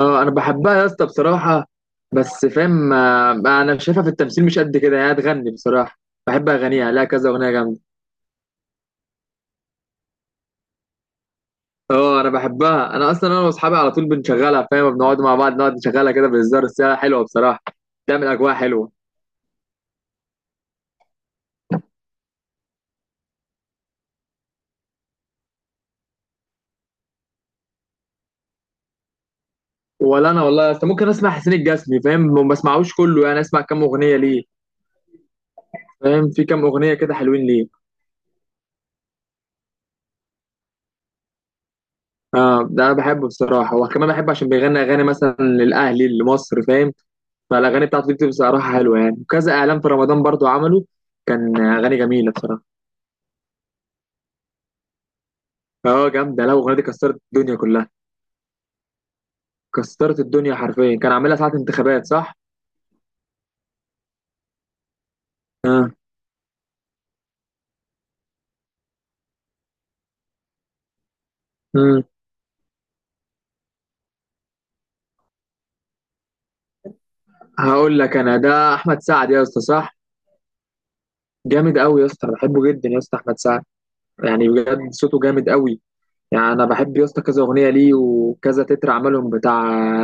اه، انا بحبها يا اسطى بصراحه. بس فاهم، انا شايفها في التمثيل مش قد كده، هي تغني بصراحه. بحب اغانيها، لها كذا اغنيه جامده. اه، انا بحبها. انا اصلا واصحابي على طول بنشغلها، فاهم، بنقعد مع بعض نقعد نشغلها كده بهزار، بس هي حلوه بصراحه. بتعمل اجواء حلوه. ولا انا والله يا اسطى، ممكن اسمع حسين الجسمي، فاهم، ما بسمعوش كله يعني، اسمع كام اغنيه ليه. فاهم، في كام اغنيه كده حلوين ليه. اه، ده انا بحبه بصراحه، وكمان بحبه عشان بيغني اغاني مثلا للاهلي، لمصر، فاهم. فالاغاني بتاعته دي بتبقى بصراحه حلوه يعني، وكذا اعلان في رمضان برضو عمله. كان اغاني جميله بصراحه. اه، جامده، لا الاغنيه دي كسرت الدنيا كلها. كسرت الدنيا حرفيا، كان عاملها ساعه انتخابات صح. امم. هقول لك انا، ده احمد سعد يا اسطى صح. جامد قوي يا اسطى، أنا بحبه جدا يا اسطى، احمد سعد. يعني بجد صوته جامد قوي. يعني انا بحب يا اسطى كذا اغنيه ليه، وكذا تتر عملهم، بتاع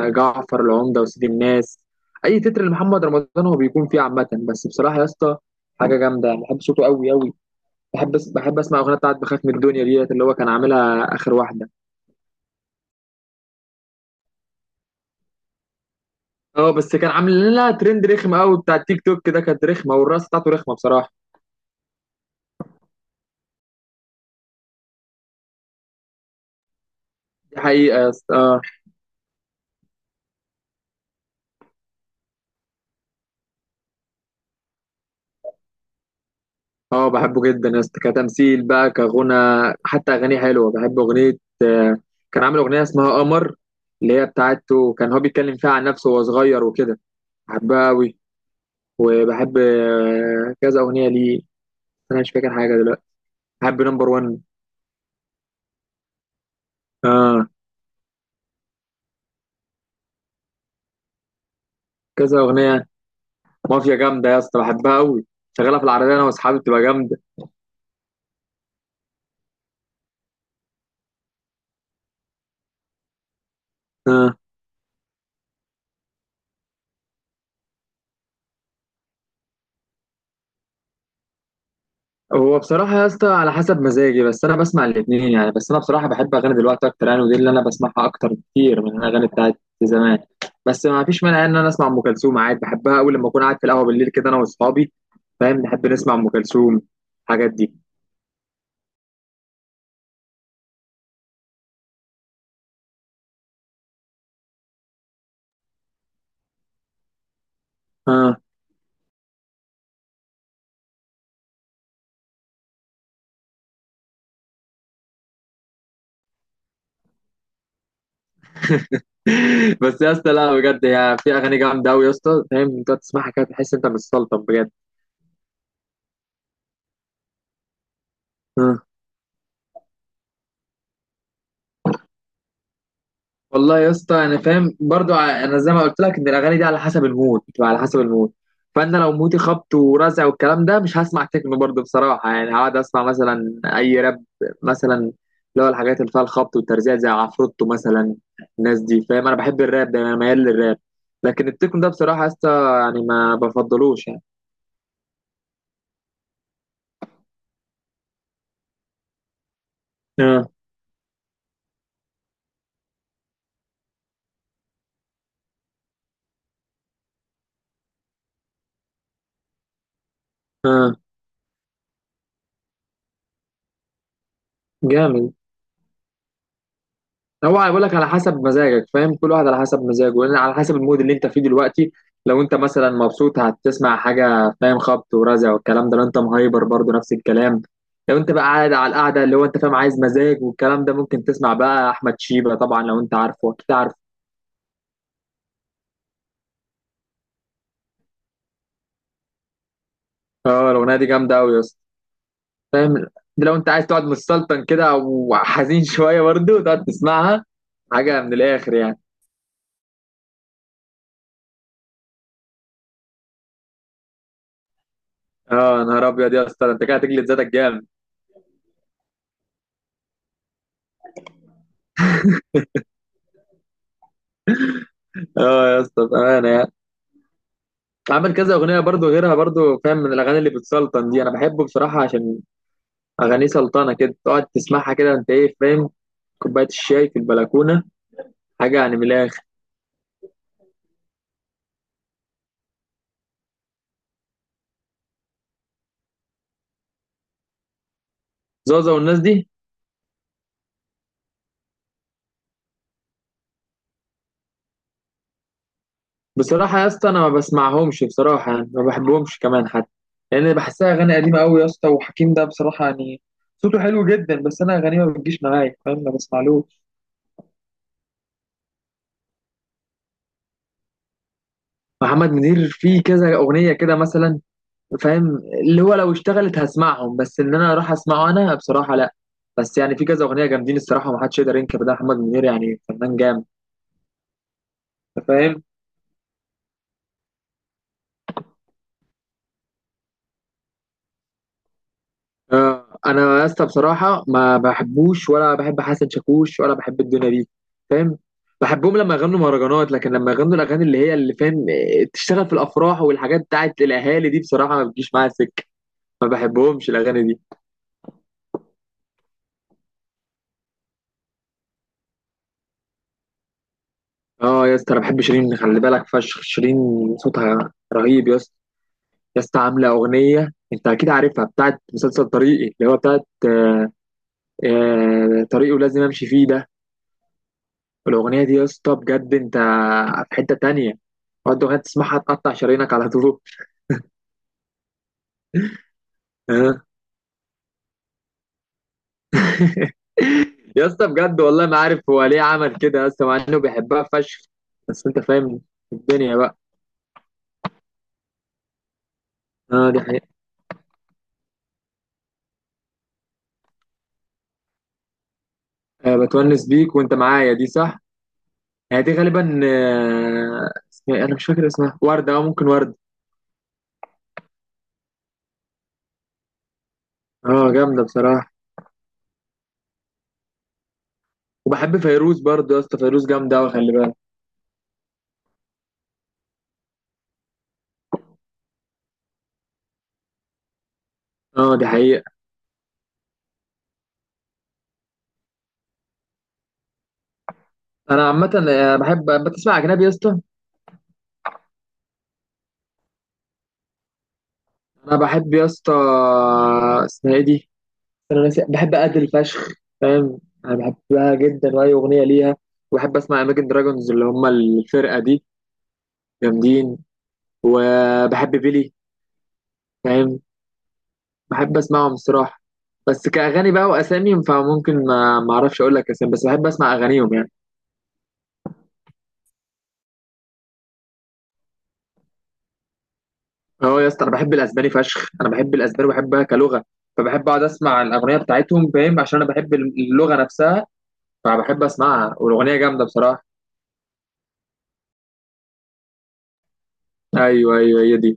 جعفر العمده وسيد الناس. اي تتر لمحمد رمضان هو بيكون فيه عامه، بس بصراحه يا اسطى حاجه جامده يعني، بحب صوته قوي قوي. بحب اسمع اغنيه بتاعت بخاف من الدنيا ديت، اللي هو كان عاملها اخر واحده. اه، بس كان عامل لها ترند رخم قوي بتاع التيك توك ده، كانت رخمه، والرقص بتاعته رخمه بصراحه. دي حقيقه يا اسطى، اه. اه، بحبه جدا يا اسطى كتمثيل بقى كغنى. حتى اغانيه حلوه، بحب اغنيه. كان عامل اغنيه اسمها قمر، اللي هي بتاعته، كان هو بيتكلم فيها عن نفسه وهو صغير وكده. بحبها قوي. وبحب كذا اغنيه ليه. انا مش فاكر حاجه دلوقتي. بحب نمبر 1. اه، كذا اغنيه. مافيا جامدة يا اسطى، بحبها قوي. شغالة في العربية انا واصحابي، بتبقى جامدة. اه. هو بصراحة يا اسطى على حسب مزاجي، بس انا بسمع الاتنين يعني. بس انا بصراحة بحب اغاني دلوقتي اكتر يعني، ودي اللي انا بسمعها اكتر بكتير من الاغاني بتاعت زمان. بس ما فيش مانع ان انا اسمع ام كلثوم عادي، بحبها قوي لما اكون قاعد في القهوة بالليل كده انا واصحابي، فاهم، نحب نسمع ام كلثوم، الحاجات دي. اه. بس يا اسطى لا، بجد هي في اغاني جامدة قوي يا اسطى، فاهم، انت تسمعها كده تحس انت متسلطن بجد. آه. والله يا اسطى انا فاهم برضو انا زي ما قلت لك ان الاغاني دي على حسب المود، بتبقى على حسب المود. فانا لو مودي خبط ورزع والكلام ده، مش هسمع تكنو برضو بصراحه يعني، هقعد اسمع مثلا اي راب، مثلا اللي هو الحاجات اللي فيها الخبط والترزيع زي عفروتو مثلا، الناس دي، فاهم. انا بحب الراب ده، انا ميال للراب. لكن التكنو ده بصراحه يا اسطى يعني ما بفضلوش يعني. اه. اه، جامد. هو هيقول لك على حسب مزاجك، فاهم، كل واحد على حسب مزاجه، لان على حسب المود اللي انت فيه دلوقتي. لو انت مثلا مبسوط، هتسمع حاجه فاهم خبط ورزع والكلام ده. لو انت مهايبر برضه نفس الكلام. لو انت بقى قاعد على القعده، اللي هو انت فاهم عايز مزاج والكلام ده، ممكن تسمع بقى احمد شيبه. طبعا لو انت عارفه، اكيد عارفه. اه، الاغنيه دي جامده قوي يا اسطى، فاهم. ده لو انت عايز تقعد متسلطن كده، او حزين شويه برضه، تقعد تسمعها. حاجه من الاخر يعني. اه، نهار ابيض يا اسطى، ده انت كده هتجلد ذاتك جامد. اه يا اسطى بامانه يعني. عمل كذا اغنيه برضو غيرها برضو، فاهم، من الاغاني اللي بتسلطن دي، انا بحبه بصراحه عشان اغانيه سلطنه كده، تقعد تسمعها كده انت، ايه، فاهم. كوبايه الشاي في البلكونه، حاجه يعني من الاخر. زوزه والناس دي، بصراحه يا اسطى انا ما بسمعهمش بصراحه يعني، ما بحبهمش كمان حتى، لان يعني بحسها اغاني قديمه قوي يا اسطى. وحكيم ده بصراحه يعني صوته حلو جدا، بس انا اغانيه ما بتجيش معايا، فاهم، ما بسمعلوش. محمد منير فيه كذا اغنيه كده مثلا، فاهم، اللي هو لو اشتغلت هسمعهم، بس ان انا اروح اسمعه انا بصراحه لا. بس يعني في كذا اغنيه جامدين الصراحه، ما حدش يقدر ينكر ده محمد منير، يعني فنان جامد. أنت فاهم. آه، انا يا اسطى بصراحه ما بحبوش، ولا بحب حسن شاكوش، ولا بحب الدنيا دي، فاهم. بحبهم لما يغنوا مهرجانات، لكن لما يغنوا الاغاني اللي فاهم، تشتغل في الافراح والحاجات بتاعت الاهالي دي، بصراحه ما بتجيش معايا سكه، ما بحبهمش الاغاني دي. اه يا اسطى، انا بحب شيرين، خلي بالك، فشخ شيرين، صوتها رهيب يا اسطى. يا اسطى عامله اغنيه، انت اكيد عارفها، بتاعت مسلسل طريقي، اللي هو بتاعت طريقي ولازم امشي فيه ده. الاغنيه دي يا اسطى، بجد، انت في حته تانية. اقعد اغنيه تسمعها تقطع شرايينك على طول. آه. يا اسطى بجد والله ما عارف هو ليه عمل كده يا اسطى، مع انه بيحبها فشخ. بس انت فاهم، الدنيا بقى. اه، دي حقيقة. آه، بتونس بيك وانت معايا، دي صح. هي دي غالبا، اسمها ايه؟ انا مش فاكر اسمها، وردة، ممكن وردة. اه جامدة بصراحة. وبحب فيروز برضه يا اسطى، فيروز جامده قوي، خلي بالك. اه دي حقيقه. انا عامه بحب بتسمع اجنبي يا اسطى. انا بحب يا اسطى، اسمها ايه دي، انا ناسي، بحب ادل فشخ، فاهم. انا بحبها جدا واي اغنيه ليها. وبحب اسمع اماجن دراجونز، اللي هم الفرقه دي، جامدين. وبحب بيلي، فاهم، بحب اسمعهم الصراحه. بس كاغاني بقى واسامي، فممكن ما اعرفش اقول لك اسامي، بس بحب اسمع اغانيهم يعني. اه يا اسطى، انا بحب الاسباني فشخ، انا بحب الاسباني وبحبها كلغه. فبحب اقعد اسمع الاغنيه بتاعتهم، فاهم، عشان انا بحب اللغه نفسها. فبحب اسمعها، والاغنيه جامده بصراحه. ايوه ايوه، هي دي.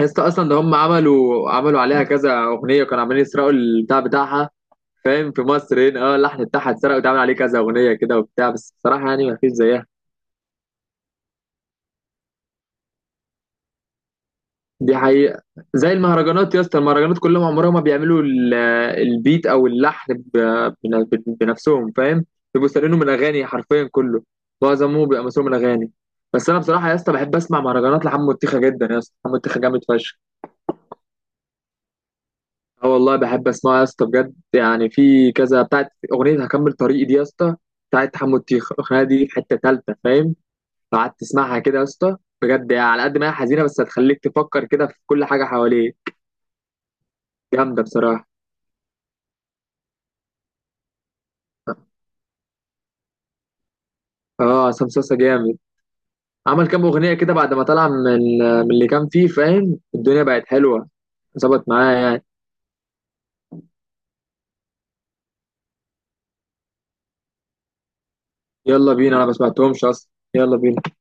يا اسطى اصلا ده هم عملوا عليها كذا اغنيه، وكانوا عاملين يسرقوا البتاع بتاعها، فاهم، في مصر هنا. اه اللحن بتاعها اتسرق، واتعمل عليه كذا اغنيه كده وبتاع، بس بصراحه يعني ما فيش زيها. دي حقيقة. زي المهرجانات يا اسطى، المهرجانات كلهم عمرهم ما بيعملوا البيت او اللحن بنفسهم، فاهم، بيبقوا سارقينه من اغاني حرفيا كله، معظمه بيبقى مسروق من اغاني. بس انا بصراحة يا اسطى بحب اسمع مهرجانات لحمو الطيخة جدا يا اسطى، حمو الطيخة جامد فشخ. اه والله، بحب اسمعه يا اسطى بجد، يعني في كذا بتاعت اغنية هكمل طريقي دي يا اسطى، بتاعت حمو الطيخة، الاغنية دي في حتة تالتة، فاهم، لو قعدت تسمعها كده يا اسطى بجد، يعني على قد ما هي حزينة بس هتخليك تفكر كده في كل حاجة حواليك. جامدة بصراحة. اه، عصام صاصا جامد. عمل كام اغنيه كده بعد ما طلع من اللي كان فيه، فاهم، الدنيا بقت حلوه، ظبط معايا يعني. يلا بينا، انا ما سمعتهمش اصلا، يلا بينا.